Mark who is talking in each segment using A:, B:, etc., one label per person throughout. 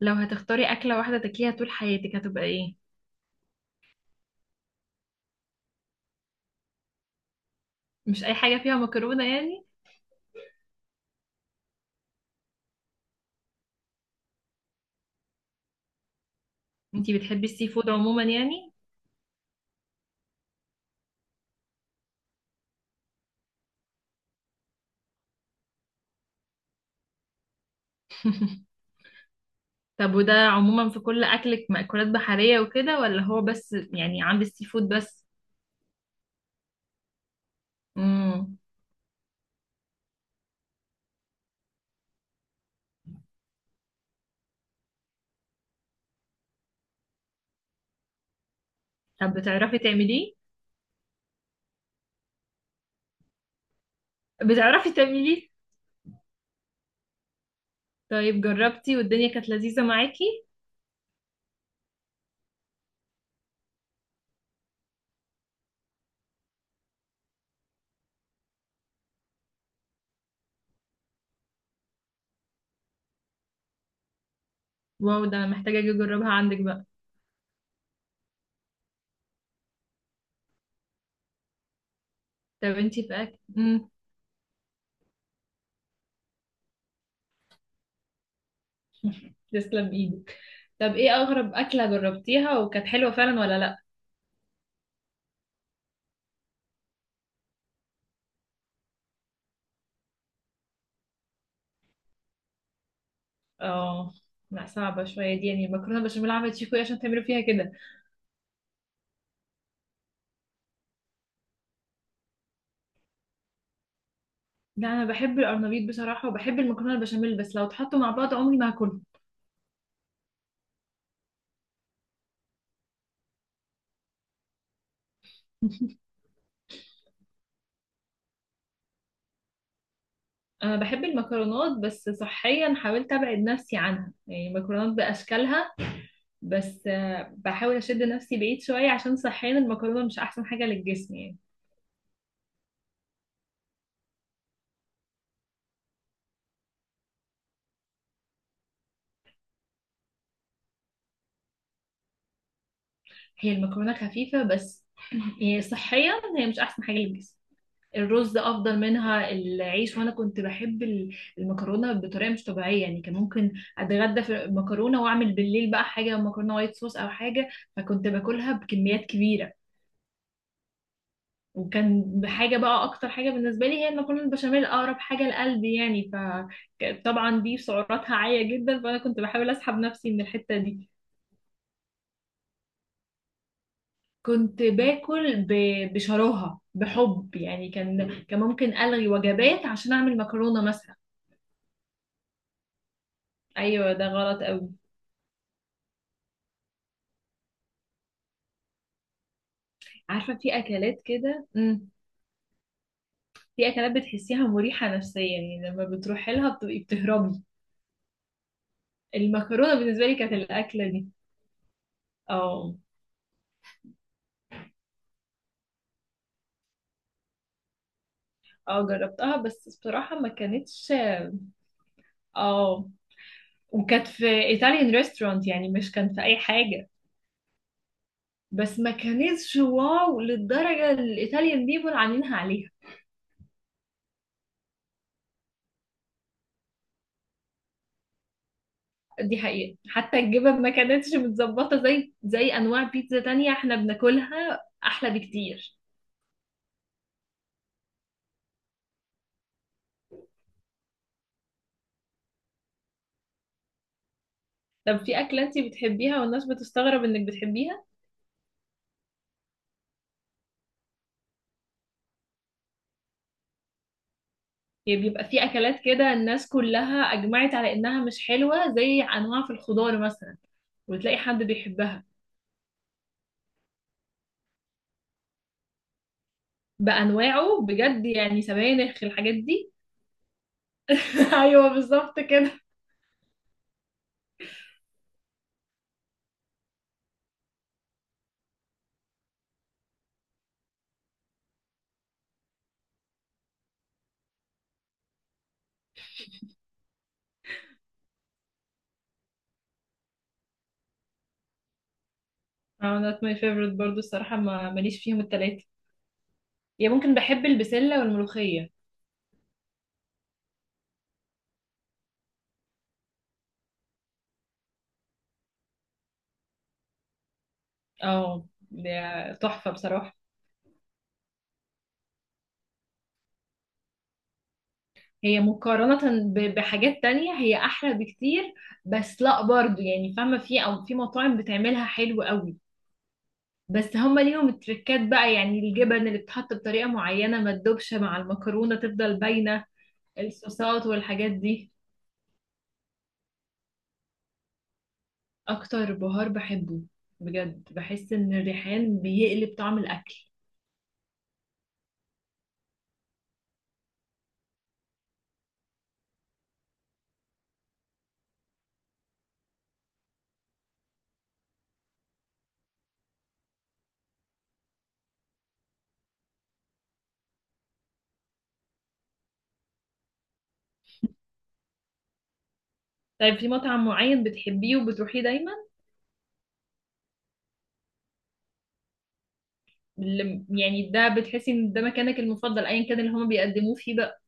A: لو هتختاري أكلة واحدة تاكليها طول حياتك هتبقى ايه؟ مش أي حاجة فيها مكرونة يعني؟ انتي بتحبي السي فود عموما يعني؟ طب وده عموما في كل أكلك مأكولات بحرية وكده ولا هو بس يعني عند السي فود بس؟ مم. طب بتعرفي تعمليه؟ بتعرفي تعمليه؟ طيب جربتي والدنيا كانت لذيذة معاكي؟ واو، ده أنا محتاجة أجي أجربها عندك بقى. طب انتي في أكل؟ تسلم ايدك. طب ايه أغرب أكلة جربتيها وكانت حلوة فعلا ولا لأ؟ اه. لا صعبة شوية دي، يعني مكرونة بشاميل عملت شيكو ايه عشان تعملوا فيها كده. لا انا بحب القرنبيط بصراحة وبحب المكرونة البشاميل، بس لو اتحطوا مع بعض عمري ما هاكلهم. انا بحب المكرونات، بس صحيا حاولت ابعد نفسي عنها، يعني المكرونات باشكالها. بس آه، بحاول اشد نفسي بعيد شوية عشان صحيا المكرونة مش احسن حاجة للجسم يعني. هي المكرونة خفيفة بس يعني صحيا هي مش احسن حاجة للجسم. الرز افضل منها، العيش. وانا كنت بحب المكرونه بطريقه مش طبيعيه، يعني كان ممكن اتغدى في مكرونه واعمل بالليل بقى حاجه مكرونه وايت صوص او حاجه، فكنت باكلها بكميات كبيره. وكان حاجه بقى، اكتر حاجه بالنسبه لي هي المكرونه البشاميل، اقرب حاجه لقلبي يعني. فطبعا دي سعراتها عاليه جدا، فانا كنت بحاول اسحب نفسي من الحته دي. كنت باكل بشراهه بحب يعني، كان ممكن الغي وجبات عشان اعمل مكرونه مثلا. ايوه ده غلط قوي. عارفة، في أكلات كده. في أكلات بتحسيها مريحة نفسيا، يعني لما بتروحي لها بتبقي بتهربي. المكرونة بالنسبة لي كانت الأكلة دي. اه. اه جربتها بس بصراحة ما كانتش. اه. وكانت في إيطاليان ريستورانت يعني، مش كان في أي حاجة. بس ما كانتش واو للدرجة الإيطاليان بيبول عاملينها عليها. دي حقيقة، حتى الجبن ما كانتش متظبطة، زي أنواع بيتزا تانية احنا بناكلها أحلى بكتير. طب في أكلة انتي بتحبيها والناس بتستغرب إنك بتحبيها؟ يعني بيبقى في اكلات كده الناس كلها اجمعت على انها مش حلوه، زي انواع في الخضار مثلا، وتلاقي حد بيحبها. بانواعه بجد، يعني سبانخ الحاجات دي. ايوه بالظبط كده. اه، not my favorite برضو الصراحه، ما ماليش فيهم التلاته. يعني ممكن بحب البسله والملوخيه. اه، ده تحفه بصراحه. هي مقارنة بحاجات تانية هي أحلى بكتير. بس لأ برضو، يعني فاهمة، في أو في مطاعم بتعملها حلو قوي. بس هما ليهم التركات بقى، يعني الجبن اللي بتحط بطريقة معينة ما تدوبش مع المكرونة، تفضل باينة. الصوصات والحاجات دي أكتر بهار بحبه. بجد بحس إن الريحان بيقلب طعم الأكل. طيب في مطعم معين بتحبيه وبتروحيه دايما؟ يعني ده بتحسي إن ده مكانك المفضل أيا كان اللي هما بيقدموه فيه بقى.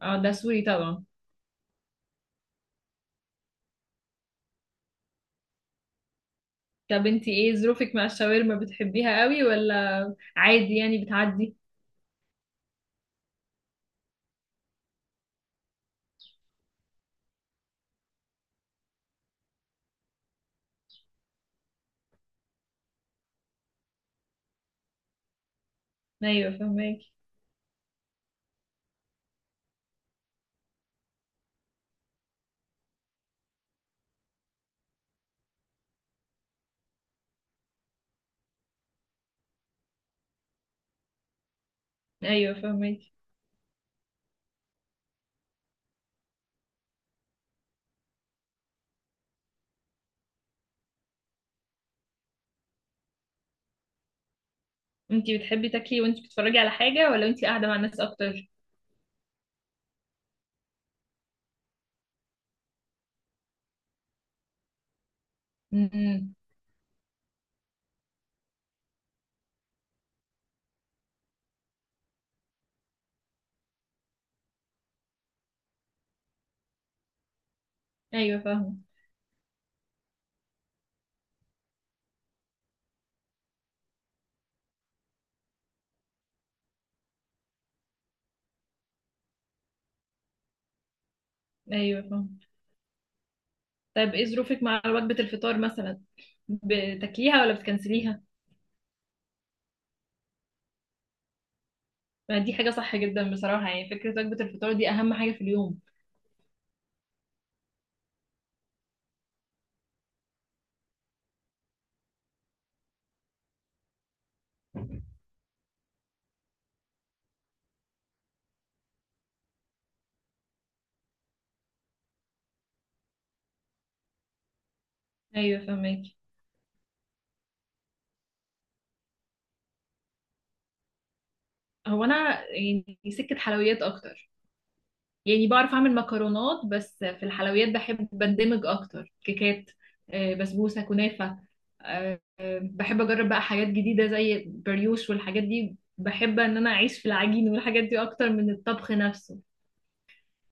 A: اه ده سوري طبعا. طب انتي ايه ظروفك مع الشاورما؟ بتحبيها قوي ولا عادي يعني بتعدي؟ ايوه فهماكي. ايوه فهماكي. انتي بتحبي تاكلي وانتي بتتفرجي على حاجة، ولا انتي قاعدة مع الناس اكتر؟ امم. ايوه فاهمة. ايوه فاهمة. طيب ايه ظروفك مع وجبة الفطار مثلا؟ بتاكليها ولا بتكنسليها؟ ما دي حاجة صح جدا بصراحة، يعني فكرة وجبة الفطار دي اهم حاجة في اليوم. ايوه فاهماكي. هو انا يعني سكة حلويات اكتر. يعني بعرف اعمل مكرونات، بس في الحلويات بحب بندمج اكتر. كيكات، آه، بسبوسة، كنافة، آه، بحب اجرب بقى حاجات جديده زي بريوش والحاجات دي. بحب ان انا اعيش في العجين والحاجات دي اكتر من الطبخ نفسه.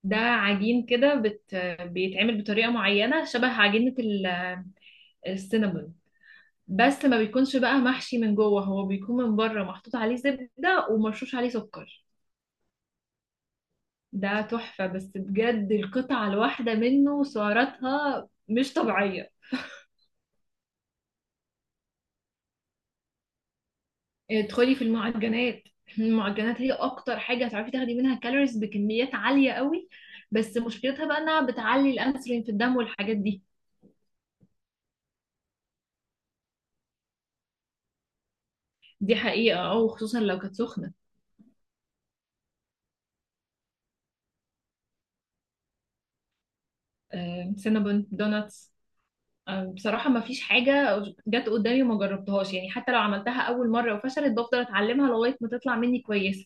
A: ده عجين كده بيتعمل بطريقه معينه، شبه عجينه السينابون، بس ما بيكونش بقى محشي من جوه، هو بيكون من بره محطوط عليه زبده ومرشوش عليه سكر. ده تحفه، بس بجد القطعه الواحده منه سعراتها مش طبيعيه. ادخلي في المعجنات. المعجنات هي اكتر حاجه هتعرفي تاخدي منها كالوريز بكميات عاليه قوي، بس مشكلتها بقى انها بتعلي الانسولين في الدم والحاجات دي. دي حقيقه، او خصوصا لو كانت سخنه. آه، سينابون، دوناتس، آه، بصراحه ما فيش حاجه جت قدامي وما جربتهاش، يعني حتى لو عملتها اول مره وفشلت بفضل اتعلمها لغايه ما تطلع مني كويسه.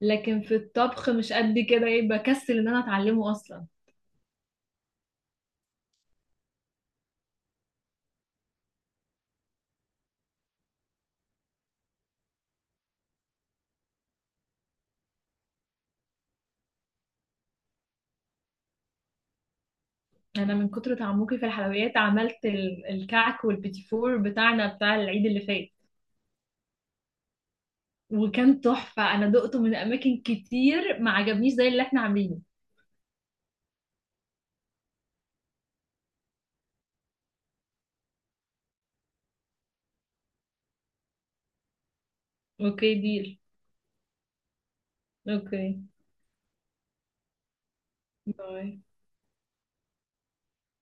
A: لكن في الطبخ مش قد كده، يعني بكسل ان انا اتعلمه اصلا. انا من كتر تعمقي في الحلويات عملت الكعك والبيتي فور بتاعنا بتاع العيد اللي فات، وكان تحفة. أنا دقته من أماكن كتير ما عجبنيش زي اللي احنا عاملينه. أوكي ديل. أوكي. باي.